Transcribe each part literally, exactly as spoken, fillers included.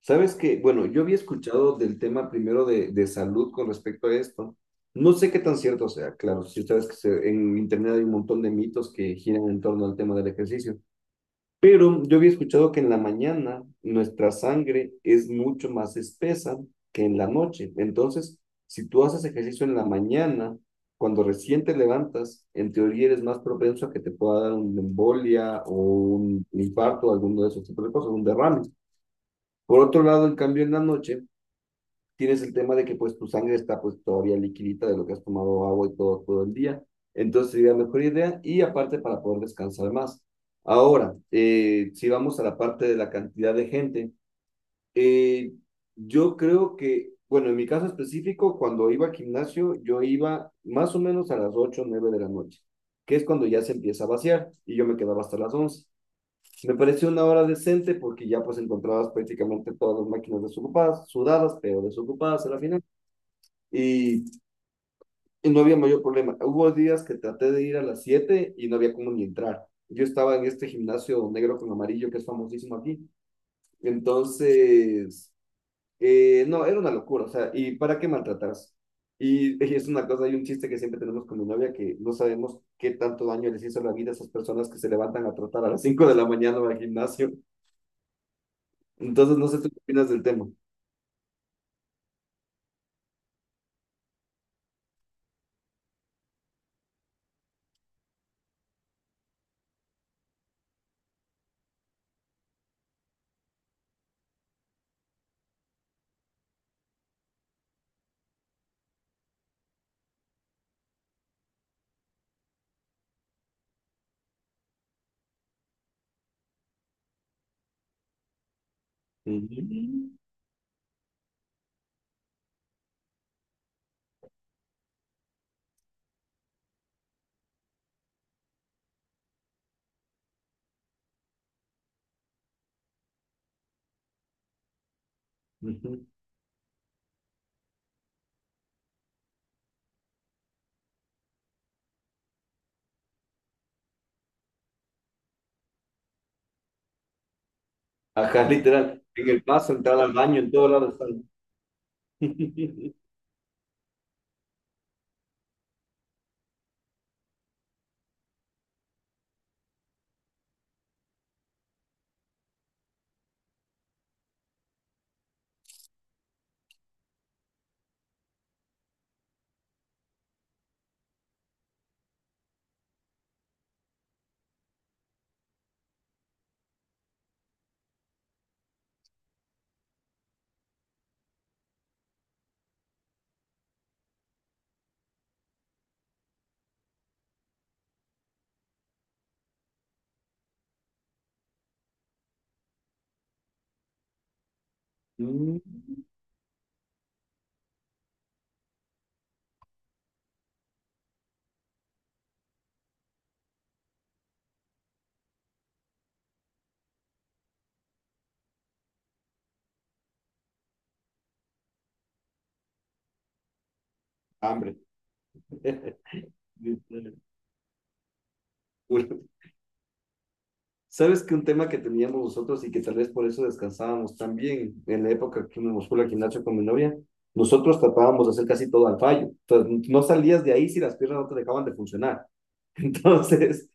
Sabes que, bueno, yo había escuchado del tema primero de, de salud con respecto a esto. No sé qué tan cierto sea, claro, si sabes que se- en internet hay un montón de mitos que giran en torno al tema del ejercicio, pero yo había escuchado que en la mañana nuestra sangre es mucho más espesa que en la noche. Entonces, si tú haces ejercicio en la mañana, cuando recién te levantas, en teoría eres más propenso a que te pueda dar una embolia o un infarto, alguno de esos tipos de cosas, un derrame. Por otro lado, en cambio, en la noche tienes el tema de que pues tu sangre está pues todavía liquidita de lo que has tomado agua y todo, todo el día. Entonces sería mejor idea y aparte para poder descansar más. Ahora, eh, si vamos a la parte de la cantidad de gente, eh, yo creo que, bueno, en mi caso específico, cuando iba al gimnasio, yo iba más o menos a las ocho o nueve de la noche, que es cuando ya se empieza a vaciar y yo me quedaba hasta las once. Me pareció una hora decente porque ya pues encontrabas prácticamente todas las máquinas desocupadas, sudadas, pero desocupadas a la final. Y, y no había mayor problema. Hubo días que traté de ir a las siete y no había como ni entrar. Yo estaba en este gimnasio negro con amarillo que es famosísimo aquí. Entonces, eh, no, era una locura. O sea, ¿y para qué maltratarse? Y, y es una cosa, hay un chiste que siempre tenemos con mi novia que no sabemos qué tanto daño les hizo la vida a esas personas que se levantan a trotar a las cinco de la mañana al gimnasio. Entonces, no sé tú qué opinas del tema. Ujú, ujú. Ajá, literal. En el paso, entrar al baño, en todo lado están. Mm. Hambre. Literal. ¿Sabes que un tema que teníamos nosotros y que tal vez por eso descansábamos tan bien en la época que me fue al gimnasio con mi novia? Nosotros tratábamos de hacer casi todo al fallo. Entonces, no salías de ahí si las piernas no te dejaban de funcionar. Entonces,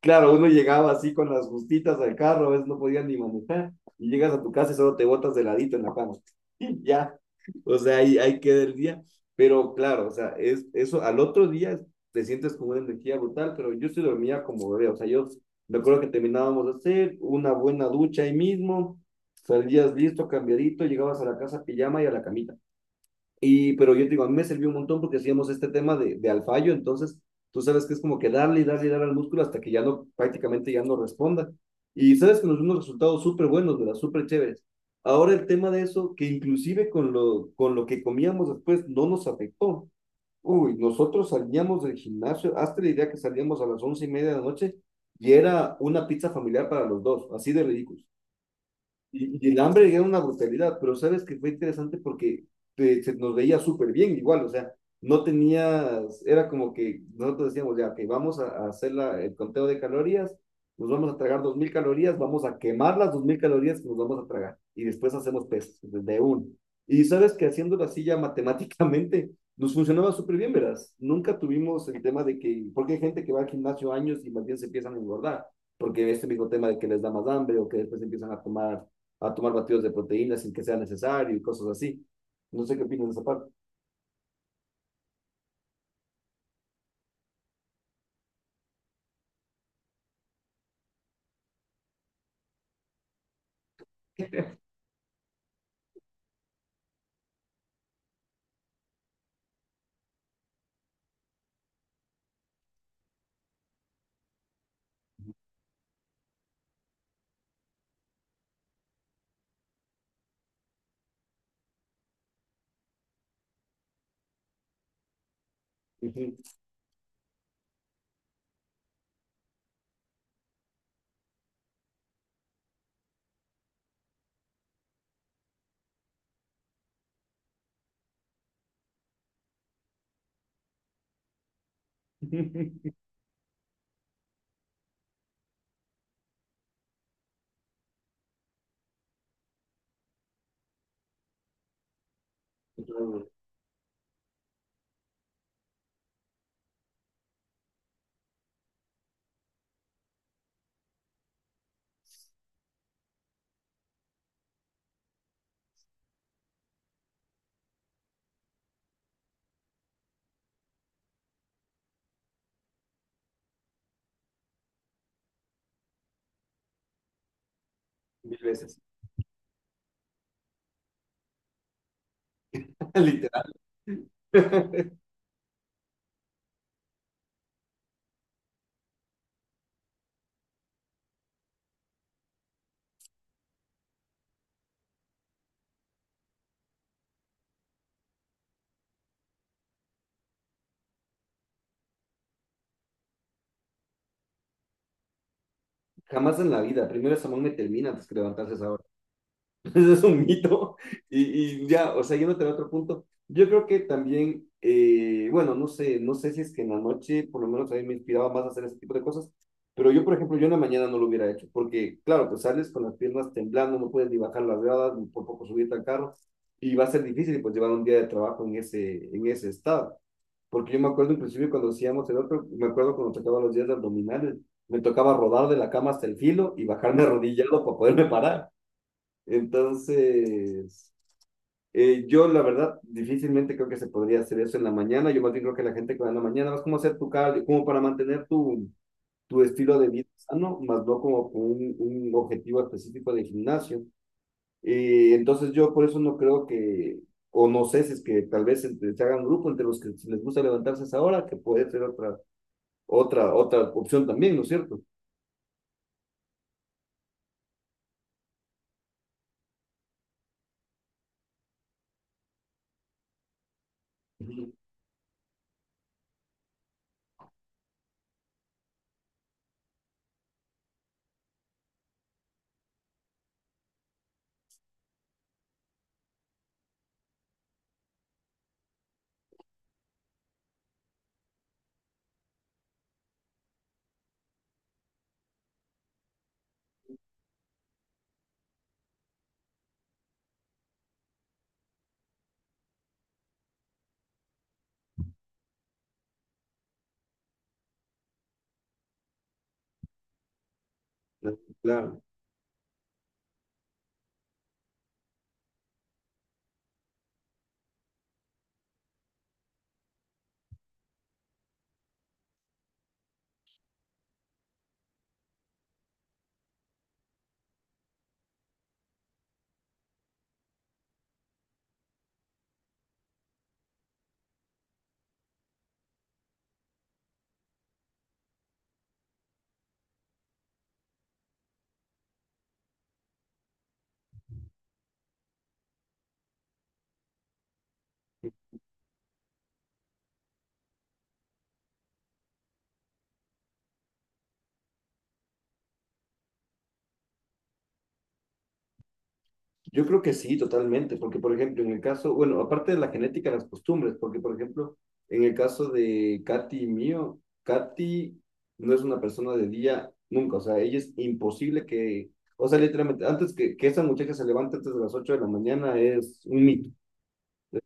claro, uno llegaba así con las justitas al carro, a veces no podía ni manejar, y llegas a tu casa y solo te botas de ladito en la cama. Y ya, o sea, ahí, ahí queda el día. Pero claro, o sea, es, eso al otro día te sientes con una energía brutal, pero yo sí dormía como bebé, o sea, yo me acuerdo que terminábamos de hacer una buena ducha ahí mismo, salías listo, cambiadito, llegabas a la casa pijama y a la camita. Y, pero yo te digo, a mí me sirvió un montón porque hacíamos este tema de, de al fallo, entonces tú sabes que es como que darle y darle y darle al músculo hasta que ya no, prácticamente ya no responda. Y sabes que nos dio unos resultados súper buenos, ¿verdad? Súper chéveres. Ahora el tema de eso, que inclusive con lo, con lo que comíamos después no nos afectó. Uy, nosotros salíamos del gimnasio, hasta la idea que salíamos a las once y media de la noche y era una pizza familiar para los dos, así de ridículo. Y, y el hambre era una brutalidad, pero sabes que fue interesante porque te- se nos veía súper bien igual, o sea, no tenías, era como que nosotros decíamos, ya, que vamos a, a hacer la- el conteo de calorías, nos vamos a tragar dos mil calorías, vamos a quemar las dos mil calorías que nos vamos a tragar y después hacemos pesas desde uno. Y sabes que haciéndolo así ya matemáticamente nos funcionaba súper bien, verás. Nunca tuvimos el tema de que, porque hay gente que va al gimnasio años y más bien se empiezan a engordar porque este mismo tema de que les da más hambre o que después empiezan a tomar a tomar batidos de proteínas sin que sea necesario y cosas así. No sé qué opinan de esa parte. Mil veces. Literal. Jamás en la vida. Primero Samuel me termina antes que levantarse esa hora. Eso es un mito. Y, y ya, o sea, yéndote a otro punto, yo creo que también, eh, bueno, no sé, no sé si es que en la noche, por lo menos a mí me inspiraba más a hacer ese tipo de cosas, pero yo, por ejemplo, yo en la mañana no lo hubiera hecho, porque, claro, pues sales con las piernas temblando, no puedes ni bajar las gradas, ni por poco subirte al carro, y va a ser difícil, pues, llevar un día de trabajo en ese, en ese estado. Porque yo me acuerdo, inclusive, cuando hacíamos el otro, me acuerdo cuando tocaba los días de abdominales, me tocaba rodar de la cama hasta el filo y bajarme arrodillado para poderme parar. Entonces, eh, yo la verdad difícilmente creo que se podría hacer eso en la mañana. Yo más bien creo que la gente que va en la mañana vas como a hacer tu cardio, como para mantener tu, tu estilo de vida sano, más no como con un, un objetivo específico de gimnasio. Eh, entonces yo por eso no creo que, o no sé si es que tal vez entre- se hagan grupo entre los que si les gusta levantarse a esa hora, que puede ser otra, otra, otra opción también, ¿no es cierto? Ujú. Claro. Yo creo que sí, totalmente, porque por ejemplo, en el caso, bueno, aparte de la genética, las costumbres, porque por ejemplo, en el caso de Katy y mío, Katy no es una persona de día nunca, o sea, ella es imposible que, o sea, literalmente, antes que, que esa muchacha se levante antes de las ocho de la mañana es un mito,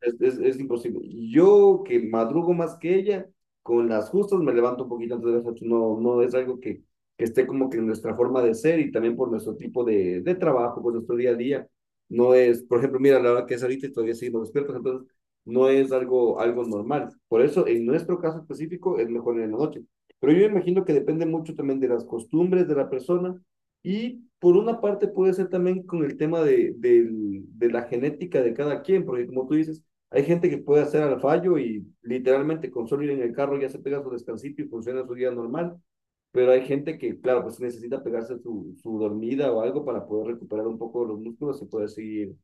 es, es- es imposible. Yo que madrugo más que ella, con las justas me levanto un poquito antes de las ocho. No, no es algo que, que esté como que en nuestra forma de ser y también por nuestro tipo de, de trabajo, por nuestro día a día. No es, por ejemplo, mira la hora que es ahorita y todavía seguimos despiertos, entonces no es algo, algo normal. Por eso, en nuestro caso específico, es mejor en la noche. Pero yo imagino que depende mucho también de las costumbres de la persona y por una parte puede ser también con el tema de, del- de la genética de cada quien, porque como tú dices, hay gente que puede hacer al fallo y literalmente con solo ir en el carro ya se pega su descansito y funciona su día normal, pero hay gente que, claro, pues necesita pegarse su, su dormida o algo para poder recuperar un poco los músculos y poder seguir,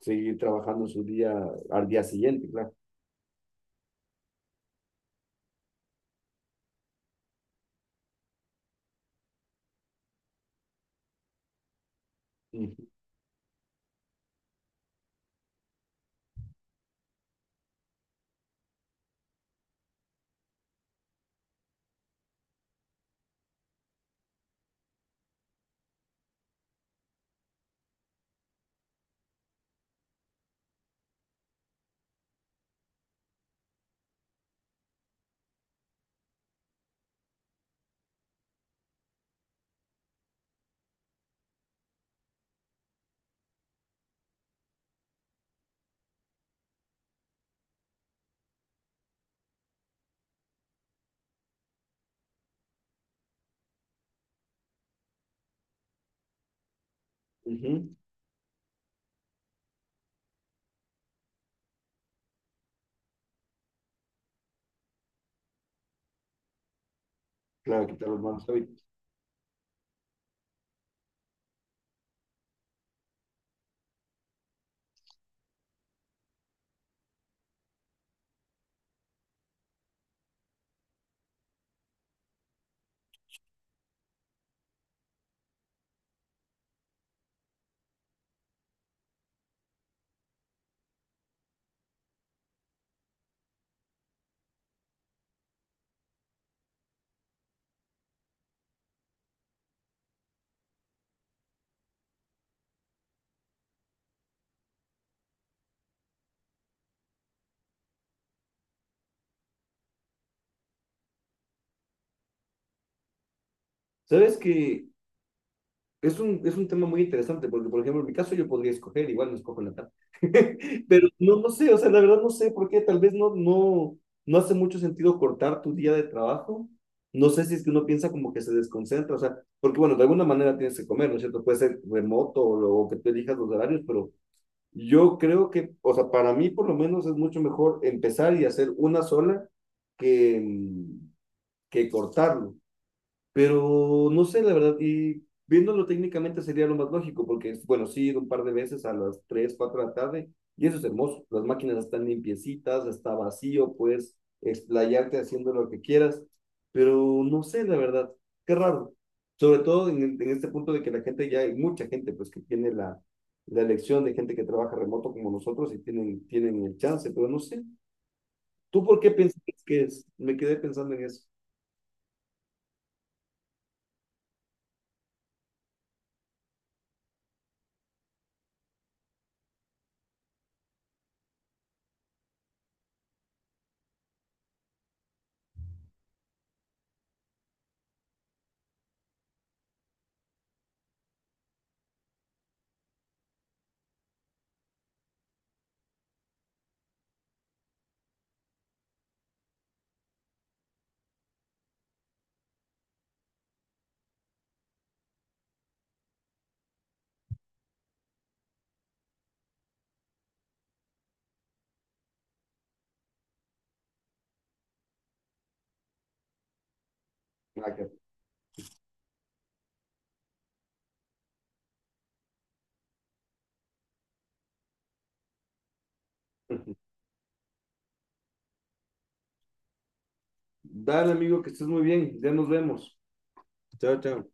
seguir trabajando su día al día siguiente, claro. Ujú, ujú, Claro, quitar los malos hábitos. ¿Sabes que es un, es un tema muy interesante, porque por ejemplo, en mi caso yo podría escoger, igual no escojo la tarde, pero no, no sé, o sea, la verdad no sé por qué, tal vez no, no, no hace mucho sentido cortar tu día de trabajo, no sé si es que uno piensa como que se desconcentra, o sea, porque bueno, de alguna manera tienes que comer, ¿no es cierto? Puede ser remoto o, lo- o que tú elijas los horarios, pero yo creo que, o sea, para mí por lo menos es mucho mejor empezar y hacer una sola que, mm, que cortarlo. Pero no sé, la verdad, y viéndolo técnicamente sería lo más lógico, porque, bueno, sí, he ido un par de veces a las tres cuatro de la tarde, y eso es hermoso. Las máquinas están limpiecitas, está vacío, puedes explayarte haciendo lo que quieras, pero no sé, la verdad, qué raro. Sobre todo en, el- en este punto de que la gente, ya hay mucha gente, pues, que tiene la, la elección de gente que trabaja remoto como nosotros y tienen, tienen el chance, pero no sé. ¿Tú por qué piensas que es? Me quedé pensando en eso. Ah, qué- Dale, amigo, que estés muy bien. Ya nos vemos. Chao, chao.